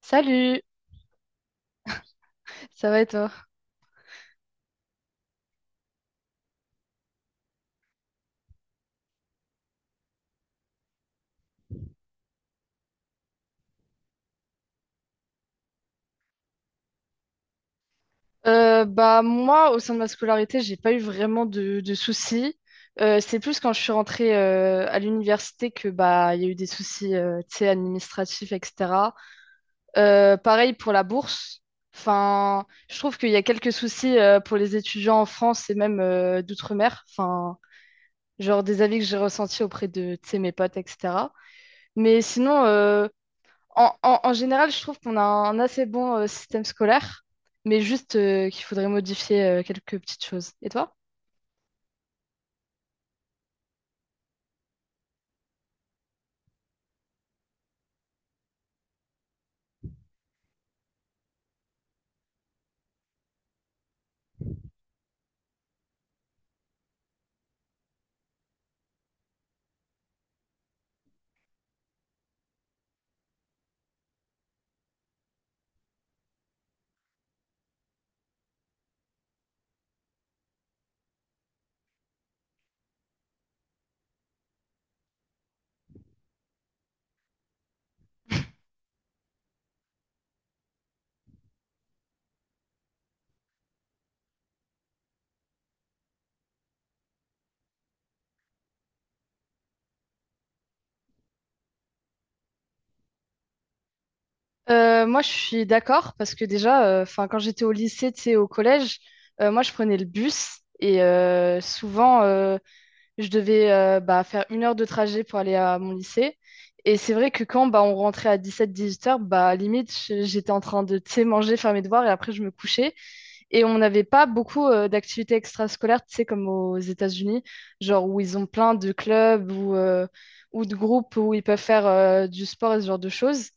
Salut, ça va et toi? Bah moi, au sein de ma scolarité, j'ai pas eu vraiment de soucis. C'est plus quand je suis rentrée à l'université que bah il y a eu des soucis, tu sais, administratifs, etc. Pareil pour la bourse. Enfin, je trouve qu'il y a quelques soucis pour les étudiants en France et même d'outre-mer. Enfin, genre des avis que j'ai ressentis auprès de, tu sais, mes potes, etc. Mais sinon, En général, je trouve qu'on a un assez bon système scolaire, mais juste qu'il faudrait modifier quelques petites choses. Et toi? Moi, je suis d'accord parce que déjà, enfin, quand j'étais au lycée, tu sais, au collège, moi, je prenais le bus et souvent, je devais bah, faire 1 heure de trajet pour aller à mon lycée. Et c'est vrai que quand bah, on rentrait à 17-18 heures, bah, limite, j'étais en train de, tu sais, manger, faire mes devoirs et après, je me couchais. Et on n'avait pas beaucoup d'activités extrascolaires, tu sais, comme aux États-Unis, genre où ils ont plein de clubs ou de groupes où ils peuvent faire du sport et ce genre de choses.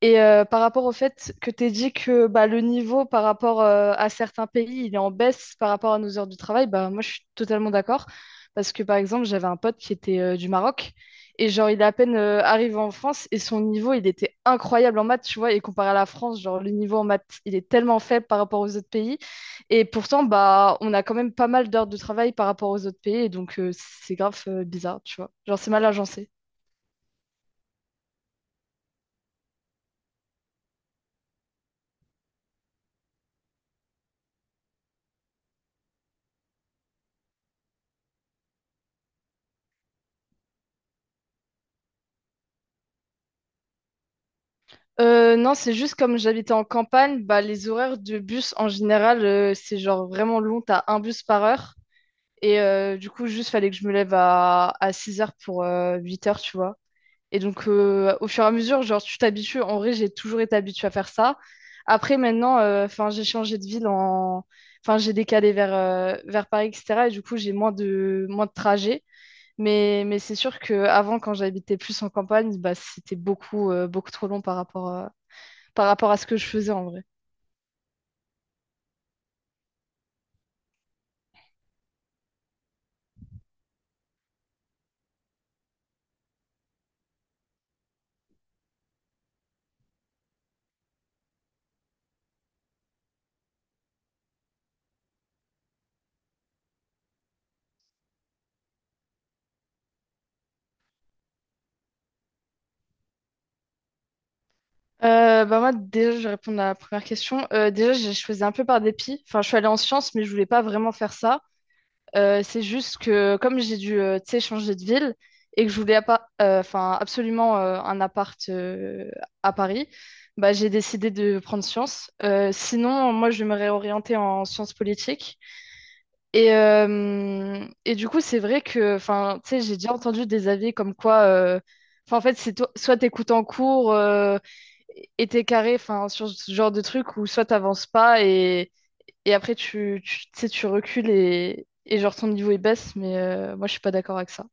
Et par rapport au fait que tu dit que bah, le niveau par rapport à certains pays, il est en baisse par rapport à nos heures de travail, bah, moi je suis totalement d'accord. Parce que par exemple, j'avais un pote qui était du Maroc et genre il est à peine arrivé en France et son niveau il était incroyable en maths, tu vois. Et comparé à la France, genre le niveau en maths il est tellement faible par rapport aux autres pays. Et pourtant, bah, on a quand même pas mal d'heures de travail par rapport aux autres pays. Et donc c'est grave bizarre, tu vois. Genre c'est mal agencé. Non, c'est juste comme j'habitais en campagne, bah, les horaires de bus en général, c'est genre vraiment long, t'as 1 bus par heure. Et du coup, juste fallait que je me lève à 6 heures pour 8 heures, tu vois. Et donc, au fur et à mesure, genre, tu t'habitues. En vrai, j'ai toujours été habituée à faire ça. Après, maintenant, enfin, j'ai changé de ville en... Enfin, j'ai décalé vers, vers Paris, etc. Et du coup, j'ai moins moins de trajets. Mais c'est sûr qu'avant, quand j'habitais plus en campagne, bah, c'était beaucoup, beaucoup trop long par rapport à ce que je faisais en vrai. Bah moi, déjà, je vais répondre à la première question. Déjà, je faisais un peu par dépit. Enfin, je suis allée en sciences, mais je voulais pas vraiment faire ça. C'est juste que comme j'ai dû, tu sais, changer de ville et que je voulais enfin, absolument un appart à Paris, bah, j'ai décidé de prendre sciences. Sinon, moi, je me réorientais en sciences politiques. Et du coup, c'est vrai que, enfin, tu sais, j'ai déjà entendu des avis comme quoi, enfin, en fait, soit t'écoutes en cours. Était carré enfin sur ce genre de truc où soit t'avances pas et, et après tu sais tu recules et genre ton niveau il baisse mais moi je suis pas d'accord avec ça.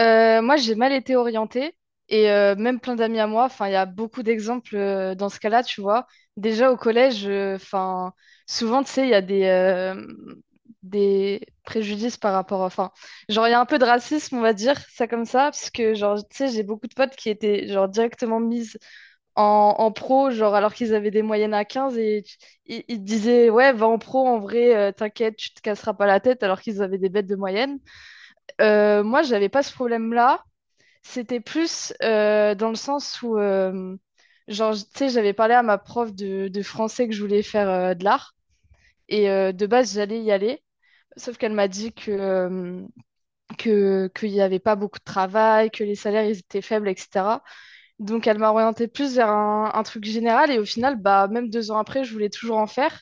Moi j'ai mal été orientée et même plein d'amis à moi enfin il y a beaucoup d'exemples dans ce cas-là tu vois. Déjà au collège enfin souvent tu sais il y a des préjudices par rapport enfin genre il y a un peu de racisme on va dire ça comme ça parce que genre tu sais j'ai beaucoup de potes qui étaient genre directement mises en pro, genre alors qu'ils avaient des moyennes à 15 et ils, ils te disaient ouais, va en pro en vrai, t'inquiète, tu te casseras pas la tête alors qu'ils avaient des bêtes de moyenne. Moi, j'avais pas ce problème-là. C'était plus dans le sens où genre tu sais, j'avais parlé à ma prof de français que je voulais faire de l'art et de base j'allais y aller. Sauf qu'elle m'a dit que, qu'il n'y avait pas beaucoup de travail, que les salaires ils étaient faibles, etc. Donc, elle m'a orientée plus vers un truc général. Et au final, bah, même 2 ans après, je voulais toujours en faire.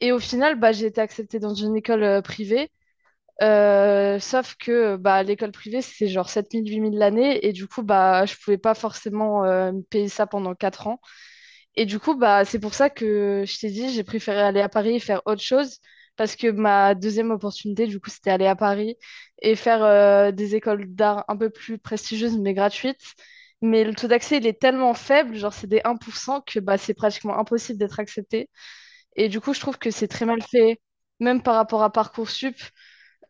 Et au final, bah, j'ai été acceptée dans une école privée. Sauf que bah, l'école privée, c'est genre 7000, 8000 l'année. Et du coup, bah, je pouvais pas forcément me payer ça pendant 4 ans. Et du coup, bah, c'est pour ça que je t'ai dit, j'ai préféré aller à Paris et faire autre chose, parce que ma deuxième opportunité, du coup, c'était aller à Paris et faire des écoles d'art un peu plus prestigieuses, mais gratuites. Mais le taux d'accès, il est tellement faible, genre c'est des 1% que bah, c'est pratiquement impossible d'être accepté. Et du coup, je trouve que c'est très mal fait, même par rapport à Parcoursup.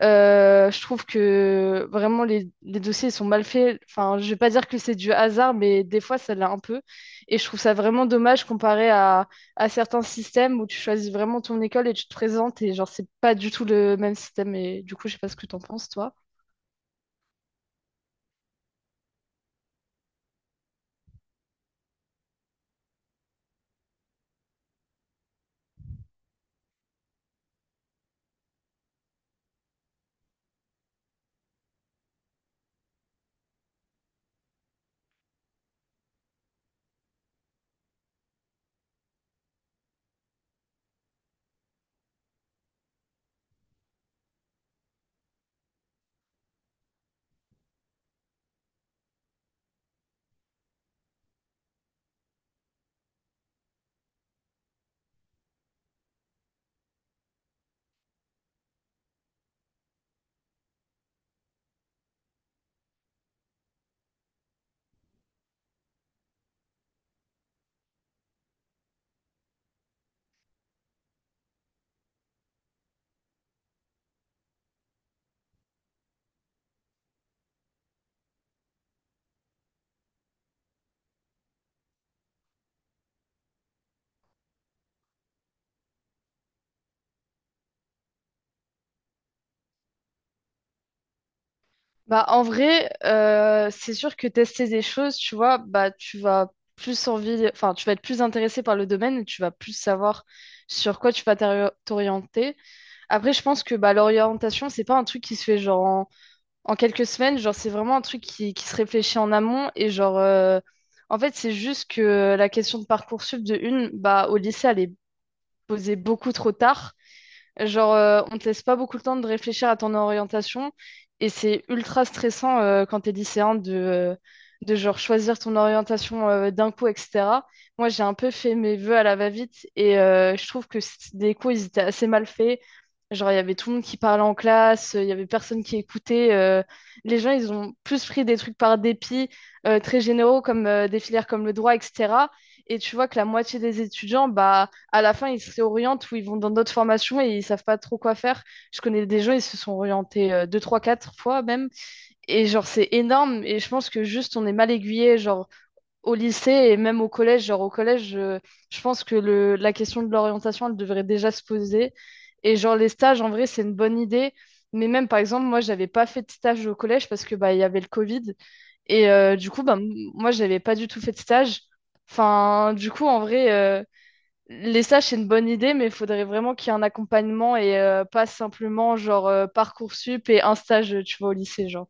Je trouve que vraiment les dossiers sont mal faits. Enfin, je vais pas dire que c'est du hasard, mais des fois ça l'est un peu. Et je trouve ça vraiment dommage comparé à certains systèmes où tu choisis vraiment ton école et tu te présentes et genre c'est pas du tout le même système. Et du coup, je sais pas ce que t'en penses, toi. Bah, en vrai, c'est sûr que tester des choses, tu vois, bah, tu vas plus envie, enfin, tu vas être plus intéressé par le domaine et tu vas plus savoir sur quoi tu vas t'orienter. Après, je pense que bah, l'orientation, c'est pas un truc qui se fait genre en quelques semaines. Genre, c'est vraiment un truc qui se réfléchit en amont. Et genre, en fait, c'est juste que la question de Parcoursup de une, bah, au lycée, elle est posée beaucoup trop tard. Genre, on te laisse pas beaucoup le temps de réfléchir à ton orientation et c'est ultra stressant quand t'es lycéen de genre choisir ton orientation d'un coup, etc. Moi, j'ai un peu fait mes vœux à la va-vite et je trouve que des cours, ils étaient assez mal faits. Genre, il y avait tout le monde qui parlait en classe, il y avait personne qui écoutait. Les gens, ils ont plus pris des trucs par dépit, très généraux, comme des filières comme le droit, etc. Et tu vois que la moitié des étudiants, bah, à la fin, ils se réorientent ou ils vont dans d'autres formations et ils savent pas trop quoi faire. Je connais des gens, ils se sont orientés deux, trois, quatre fois même. Et genre, c'est énorme. Et je pense que juste, on est mal aiguillé, genre, au lycée et même au collège. Genre, au collège, je pense que la question de l'orientation, elle devrait déjà se poser. Et genre, les stages, en vrai, c'est une bonne idée. Mais même, par exemple, moi, j'avais pas fait de stage au collège parce que, bah, il y avait le Covid. Et du coup, bah, moi, j'avais pas du tout fait de stage. Enfin, du coup, en vrai, les stages, c'est une bonne idée, mais il faudrait vraiment qu'il y ait un accompagnement et pas simplement genre Parcoursup et un stage, tu vois, au lycée, genre.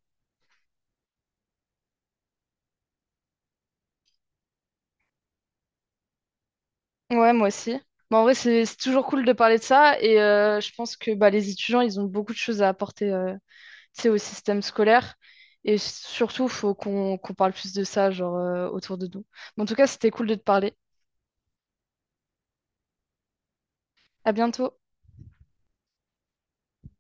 Ouais, moi aussi. Bah, en vrai, c'est toujours cool de parler de ça et je pense que bah, les étudiants, ils ont beaucoup de choses à apporter tu sais, au système scolaire et surtout, faut qu'on parle plus de ça genre, autour de nous. Bon, en tout cas, c'était cool de te parler. À bientôt.